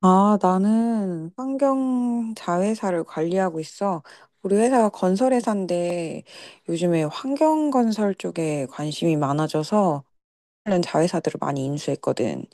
아, 나는 환경 자회사를 관리하고 있어. 우리 회사가 건설회사인데 요즘에 환경 건설 쪽에 관심이 많아져서 관련 자회사들을 많이 인수했거든.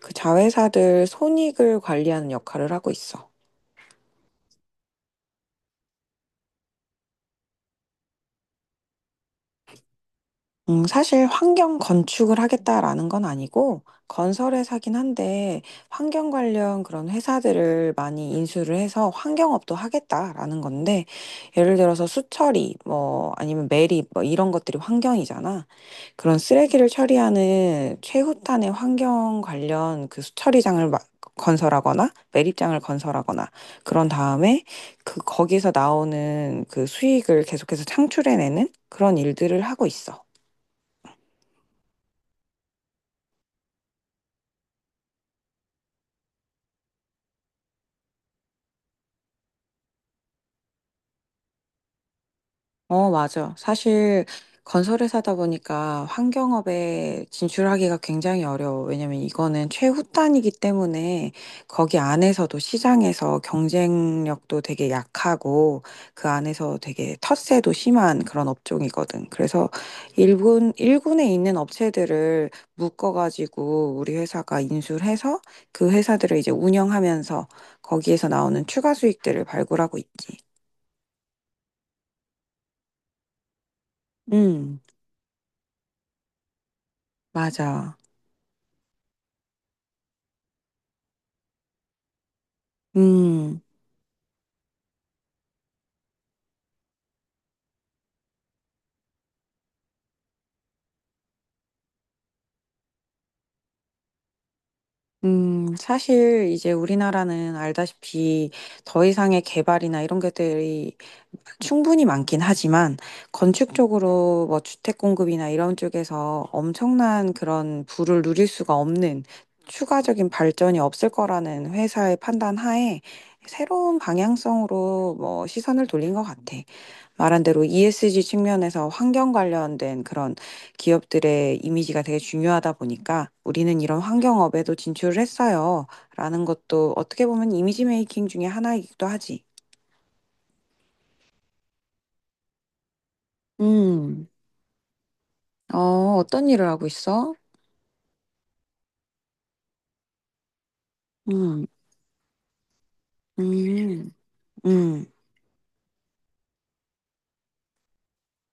그 자회사들 손익을 관리하는 역할을 하고 있어. 사실 환경 건축을 하겠다라는 건 아니고 건설회사긴 한데 환경 관련 그런 회사들을 많이 인수를 해서 환경업도 하겠다라는 건데 예를 들어서 수처리 뭐 아니면 매립 뭐 이런 것들이 환경이잖아. 그런 쓰레기를 처리하는 최후단의 환경 관련 그 수처리장을 건설하거나 매립장을 건설하거나 그런 다음에 그 거기서 나오는 그 수익을 계속해서 창출해내는 그런 일들을 하고 있어. 어, 맞아. 사실 건설회사다 보니까 환경업에 진출하기가 굉장히 어려워. 왜냐면 이거는 최후단이기 때문에 거기 안에서도 시장에서 경쟁력도 되게 약하고 그 안에서 되게 텃세도 심한 그런 업종이거든. 그래서 일군에 있는 업체들을 묶어가지고 우리 회사가 인수를 해서 그 회사들을 이제 운영하면서 거기에서 나오는 추가 수익들을 발굴하고 있지. 음, 맞아. 음, 사실 이제 우리나라는 알다시피 더 이상의 개발이나 이런 것들이 충분히 많긴 하지만 건축 쪽으로 뭐 주택 공급이나 이런 쪽에서 엄청난 그런 부를 누릴 수가 없는 추가적인 발전이 없을 거라는 회사의 판단 하에 새로운 방향성으로 뭐 시선을 돌린 것 같아. 말한 대로 ESG 측면에서 환경 관련된 그런 기업들의 이미지가 되게 중요하다 보니까 우리는 이런 환경업에도 진출을 했어요. 라는 것도 어떻게 보면 이미지 메이킹 중에 하나이기도 하지. 음, 어, 어떤 일을 하고 있어? 음, 음, 음,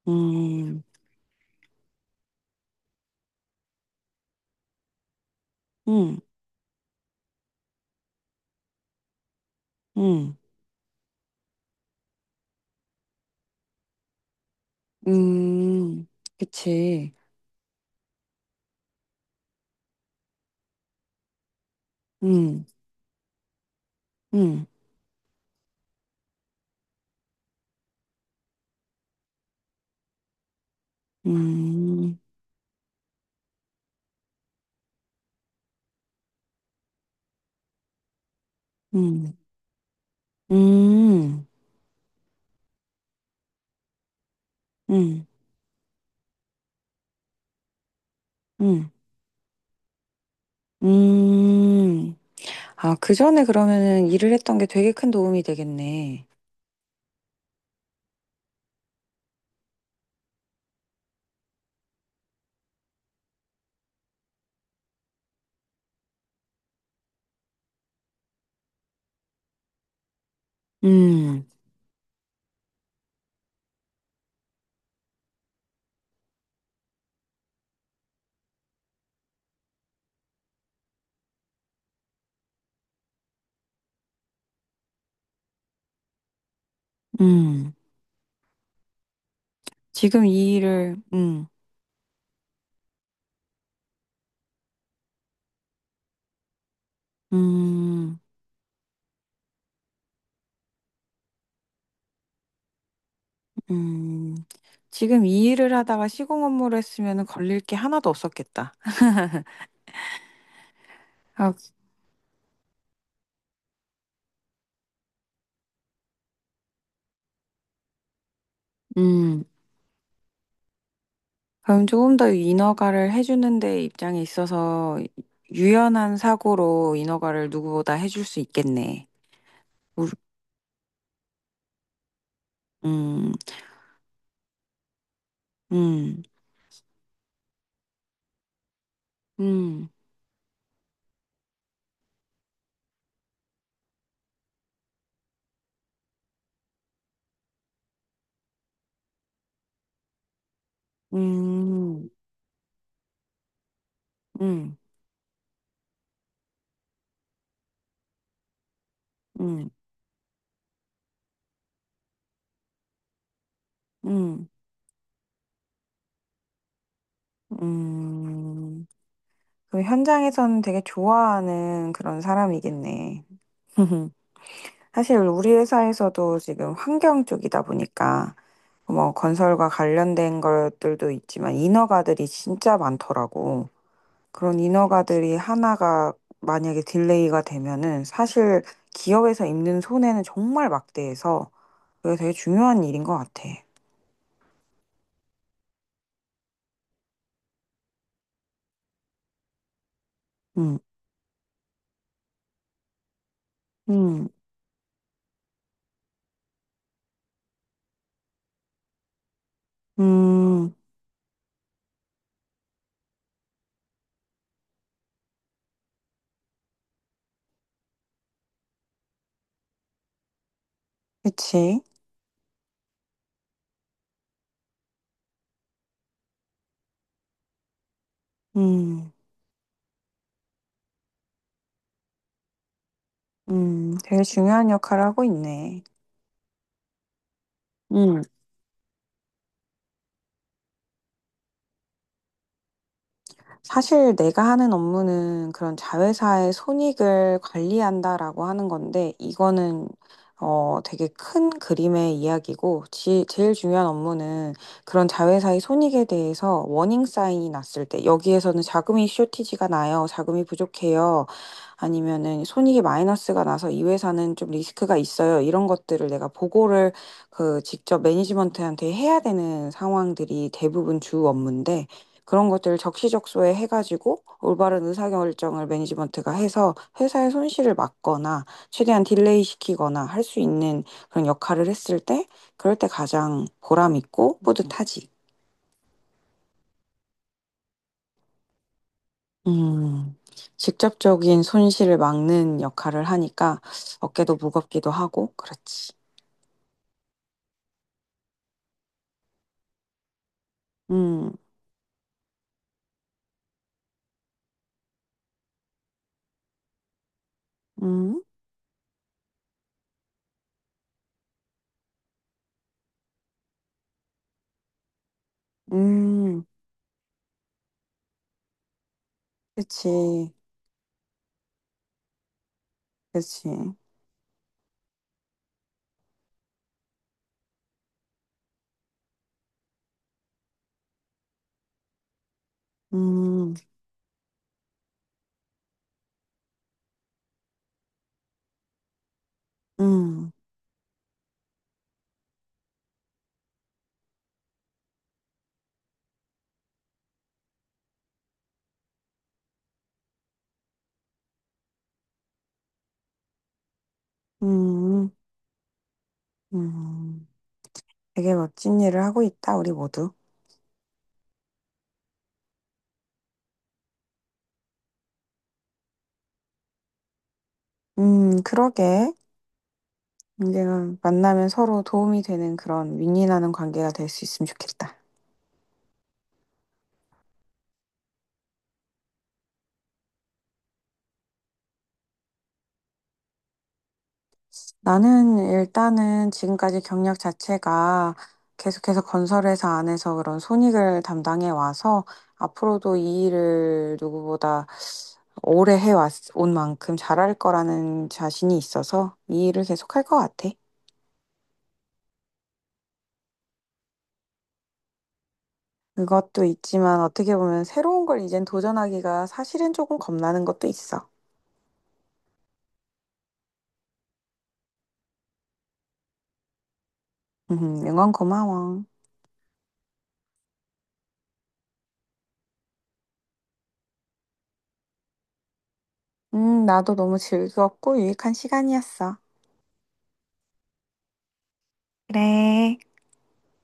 음, 음, 음, 음, 그치. 음, 음, 음, 음, 음, 음, 음, 음. 아, 그 전에 그러면은 일을 했던 게 되게 큰 도움이 되겠네. 음, 음. 지금 이 일을, 음, 음. 지금 이 일을 하다가 시공 업무를 했으면 걸릴 게 하나도 없었겠다. 아, 음. 그럼 조금 더 인허가를 해주는 데 입장에 있어서 유연한 사고로 인허가를 누구보다 해줄 수 있겠네. 우- 음, 음, 음, 음, 음, 음, 음, 음. 그 현장에서는 되게 좋아하는 그런 사람이겠네. 사실 우리 회사에서도 지금 환경 쪽이다 보니까 뭐 건설과 관련된 것들도 있지만 인허가들이 진짜 많더라고. 그런 인허가들이 하나가 만약에 딜레이가 되면은 사실 기업에서 입는 손해는 정말 막대해서 그게 되게 중요한 일인 것 같아. 음, 음, 음, 그치. 음, 되게 중요한 역할을 하고 있네. 사실 내가 하는 업무는 그런 자회사의 손익을 관리한다라고 하는 건데, 이거는 어, 되게 큰 그림의 이야기고, 제일 중요한 업무는 그런 자회사의 손익에 대해서 워닝 사인이 났을 때, 여기에서는 자금이 쇼티지가 나요, 자금이 부족해요, 아니면은 손익이 마이너스가 나서 이 회사는 좀 리스크가 있어요, 이런 것들을 내가 보고를 그 직접 매니지먼트한테 해야 되는 상황들이 대부분 주 업무인데, 그런 것들을 적시적소에 해가지고 올바른 의사결정을 매니지먼트가 해서 회사의 손실을 막거나 최대한 딜레이 시키거나 할 수 있는 그런 역할을 했을 때 그럴 때 가장 보람 있고 뿌듯하지. 음, 직접적인 손실을 막는 역할을 하니까 어깨도 무겁기도 하고 그렇지. 음, 음, 음, 그치, 그치. 음, 음, 음, 음. 되게 멋진 일을 하고 있다, 우리 모두. 그러게. 언젠가 만나면 서로 도움이 되는 그런 윈윈하는 관계가 될 수 있으면 좋겠다. 나는 일단은 지금까지 경력 자체가 계속해서 건설회사 안에서 그런 손익을 담당해 와서 앞으로도 이 일을 누구보다 오래 해왔, 온 만큼 잘할 거라는 자신이 있어서 이 일을 계속할 것 같아. 그것도 있지만 어떻게 보면 새로운 걸 이젠 도전하기가 사실은 조금 겁나는 것도 있어. 응원 고마워. 나도 너무 즐거웠고 유익한 시간이었어. 그래.